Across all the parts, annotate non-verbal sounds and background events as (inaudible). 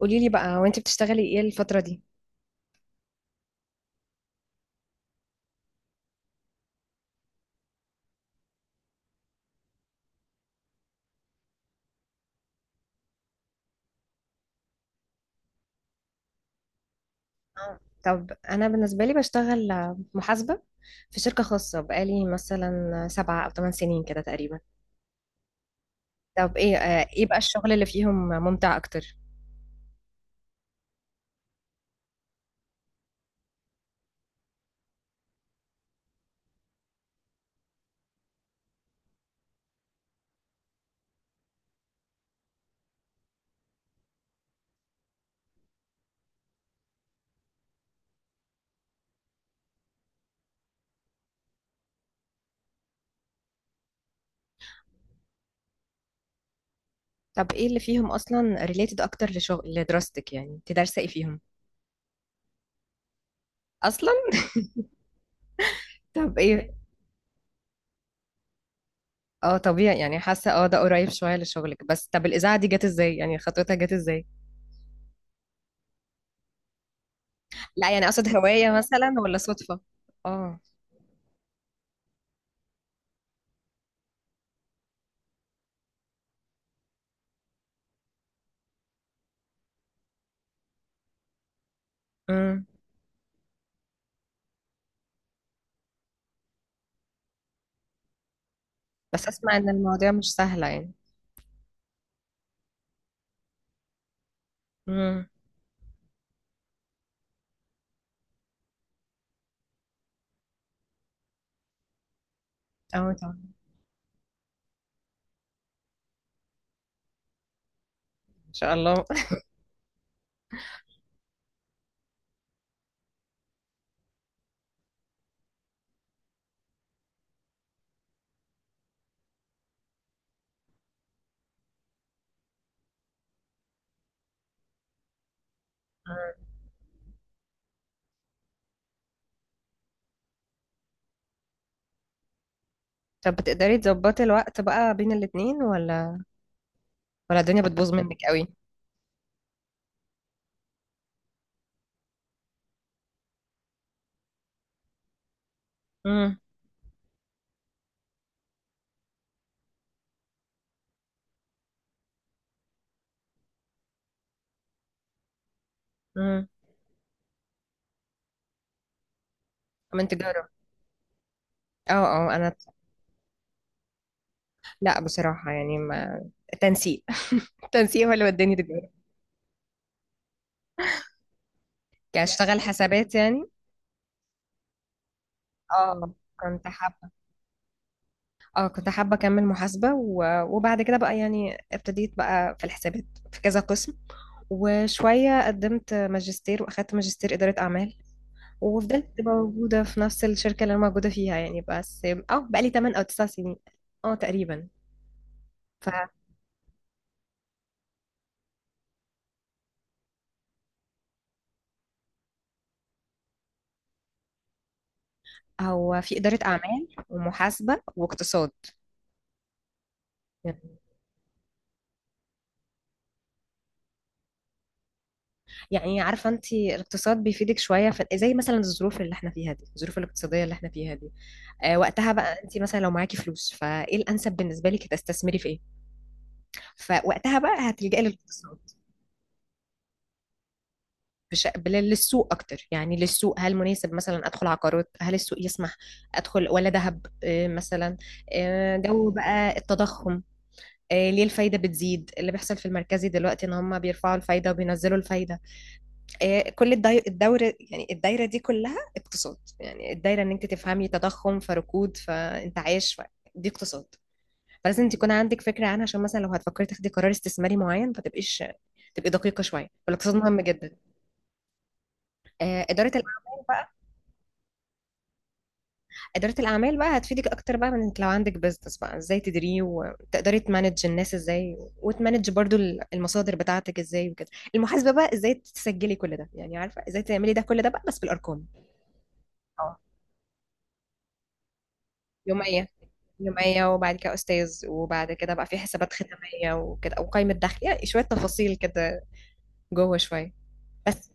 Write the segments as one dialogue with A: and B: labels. A: قولي لي بقى وانت بتشتغلي ايه الفترة دي؟ آه. طب انا بالنسبة لي بشتغل محاسبة في شركة خاصة بقالي مثلا سبعة او ثمان سنين كده تقريبا. طب ايه بقى الشغل اللي فيهم ممتع اكتر؟ طب ايه اللي فيهم اصلا ريليتد اكتر لشغل لدراستك؟ يعني انت دارسة ايه فيهم اصلا؟ طب ايه؟ اه، طبيعي، يعني حاسة ده قريب شوية لشغلك. بس طب الاذاعة دي جت ازاي؟ يعني خطوتها جت ازاي؟ لا يعني اقصد هواية مثلا ولا صدفة؟ اه. امم. بس اسمع ان المواضيع مش سهلة يعني. مم. اه طبعا. ان شاء الله (laughs) مم. طب بتقدري تظبطي الوقت بقى بين الاتنين؟ ولا الدنيا بتبوظ منك قوي؟ امم. امم. من تجارة؟ اه اه انا. لا بصراحة، يعني ما. تنسيق (laughs) التنسيق هو اللي وداني تجارة. يعني اشتغل حسابات يعني. اه. كنت حابة. اه كنت حابة اكمل محاسبة وبعد كده بقى يعني ابتديت بقى في الحسابات في كذا قسم. وشوية قدمت ماجستير واخدت ماجستير إدارة أعمال. وفضلت موجودة في نفس الشركة اللي أنا موجودة فيها يعني، بس بقالي 8 أو 9 سنين، اه تقريبا. فهو في إدارة أعمال ومحاسبة واقتصاد. يعني عارفة أنت الاقتصاد بيفيدك شوية، في زي مثلا الظروف اللي احنا فيها دي، الظروف الاقتصادية اللي احنا فيها دي. وقتها بقى أنت مثلا لو معاكي فلوس، فإيه الأنسب بالنسبة لك؟ تستثمري في إيه؟ فوقتها بقى هتلجأي للاقتصاد. للسوق اكتر، يعني للسوق هل مناسب مثلا ادخل عقارات؟ هل السوق يسمح ادخل ولا ذهب مثلا؟ جو بقى التضخم. ليه الفايده بتزيد؟ اللي بيحصل في المركزي دلوقتي ان هم بيرفعوا الفايده وبينزلوا الفايده. كل الدوره، يعني الدايره دي كلها اقتصاد. يعني الدايره ان انت تفهمي تضخم فركود فانتعاش دي اقتصاد. فلازم تكون عندك فكره عنها عشان مثلا لو هتفكري تاخدي قرار استثماري معين، ما تبقيش تبقي دقيقه شويه. فالاقتصاد مهم جدا. آه، اداره إدارة الأعمال بقى هتفيدك أكتر، بقى من إنك لو عندك بيزنس بقى إزاي تديريه، وتقدري تمانج الناس إزاي، وتمانج برضو المصادر بتاعتك إزاي وكده. المحاسبة بقى إزاي تسجلي كل ده، يعني عارفة إزاي تعملي ده كل ده بقى، بس بالأرقام. اه. يومية. يومية وبعد كده أستاذ، وبعد كده بقى في حسابات ختامية وكده وقائمة دخل، يعني شوية تفاصيل كده جوه شوية. بس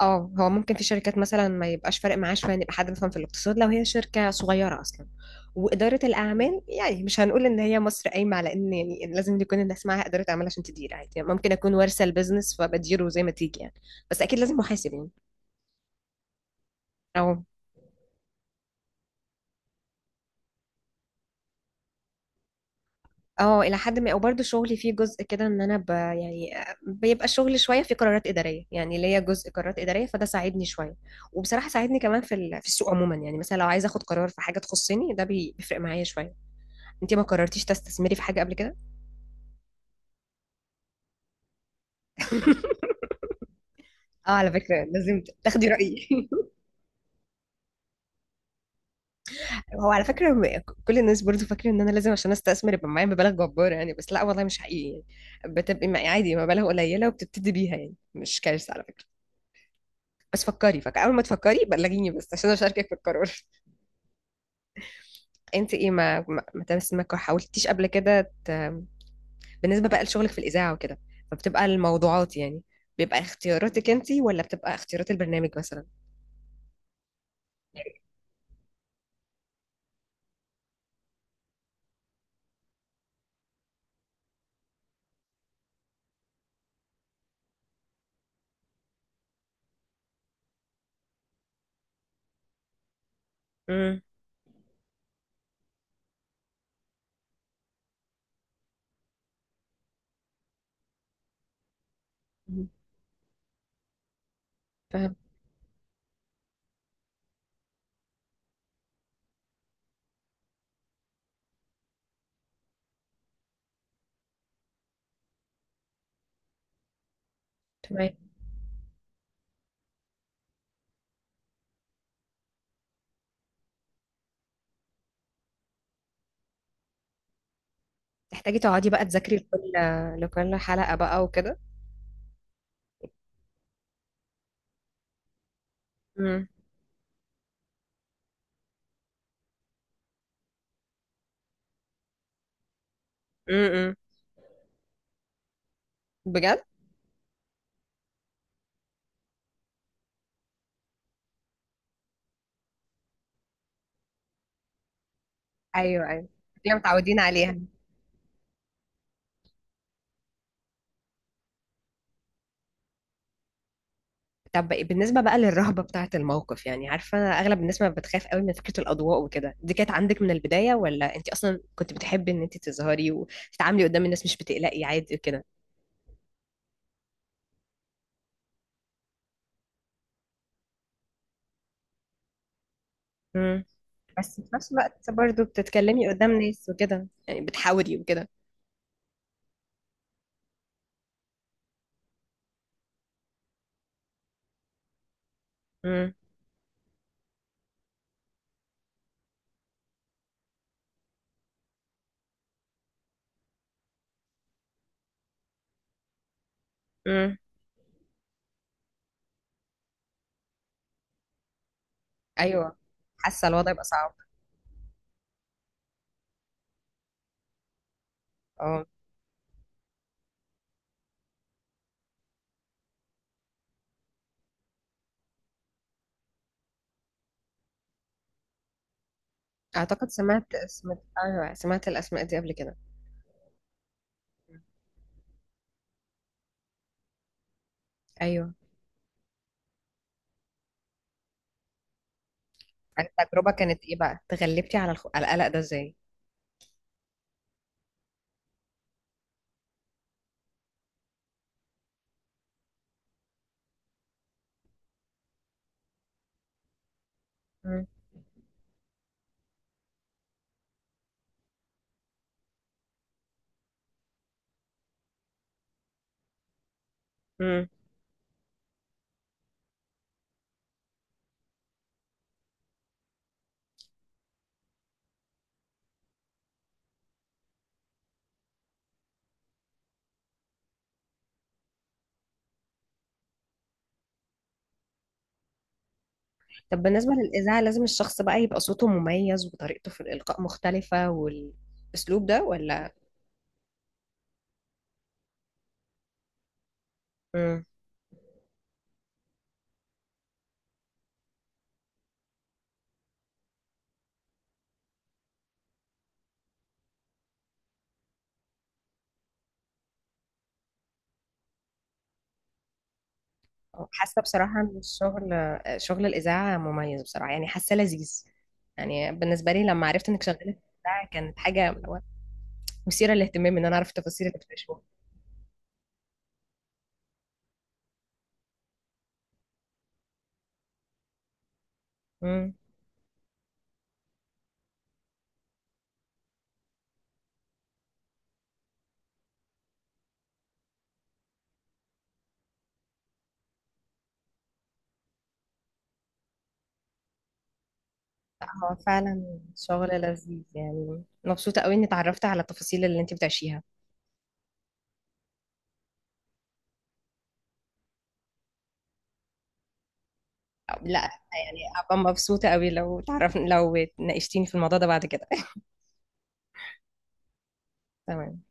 A: اه هو ممكن في شركات مثلا ما يبقاش فارق معاه شويه ان يبقى حد بيفهم في الاقتصاد، لو هي شركه صغيره اصلا. واداره الاعمال يعني مش هنقول ان هي مصر قايمه على ان، يعني لازم يكون الناس معاها اداره اعمال عشان تدير عادي، يعني ممكن اكون وارثه البيزنس فبديره زي ما تيجي يعني. بس اكيد لازم محاسب يعني. اه اه الى حد ما. وبرده شغلي فيه جزء كده ان انا يعني بيبقى الشغل شويه في قرارات اداريه، يعني ليا جزء قرارات اداريه، فده ساعدني شويه. وبصراحه ساعدني كمان في السوق عموما. يعني مثلا لو عايزه اخد قرار في حاجه تخصني، ده بيفرق معايا شويه. انت ما قررتيش تستثمري في حاجه قبل كده؟ اه على فكره لازم تاخدي رايي. (laughs) هو على فكره كل الناس برضو فاكره ان انا لازم عشان استثمر يبقى معايا مبالغ جباره يعني. بس لا والله مش حقيقي، يعني بتبقي معايا عادي مبالغ قليله وبتبتدي بيها، يعني مش كارثه على فكره. بس فكري، اول ما تفكري بلغيني بس عشان اشاركك في القرار. (laughs) انت ايه ما حاولتيش قبل كده بالنسبه بقى لشغلك في الاذاعه وكده، فبتبقى الموضوعات يعني بيبقى اختياراتك انت، ولا بتبقى اختيارات البرنامج مثلا؟ امم. فهمت. تحتاجي تقعدي بقى تذاكري لكل حلقة بقى وكده؟ امم. امم. بجد. ايوه ايوه. احنا متعودين عليها. طب بالنسبة بقى للرهبة بتاعة الموقف، يعني عارفة أغلب الناس ما بتخاف قوي من فكرة الأضواء وكده، دي كانت عندك من البداية؟ ولا أنت أصلا كنت بتحبي إن أنت تظهري وتتعاملي قدام الناس، مش بتقلقي عادي وكده؟ امم. بس في نفس الوقت برضه بتتكلمي قدام ناس وكده، يعني بتحاولي وكده. امم. امم. أيوه. حاسة الوضع يبقى صعب. آه. أعتقد سمعت اسم. أيوة سمعت الأسماء دي قبل كده. أيوه. التجربة كانت إيه بقى؟ تغلبتي على على القلق ده إزاي؟ مم. مم. طب بالنسبة للإذاعة، لازم الشخص بقى يبقى صوته مميز، وطريقته في الإلقاء مختلفة والأسلوب ده ولا؟ مم. حاسة بصراحة إن شغل الإذاعة مميز بصراحة، يعني حاسة لذيذ. يعني بالنسبة لي لما عرفت إنك شغالة في الإذاعة، كانت حاجة اللي هو مثيرة للاهتمام، إن أنا أعرف التفاصيل اللي بتعيشوها. هو فعلا شغل لذيذ، يعني مبسوطة قوي اني اتعرفت على التفاصيل اللي انت بتعيشيها. لا، يعني هبقى مبسوطة قوي، لو لو ناقشتيني في الموضوع ده بعد كده (laughs) تمام.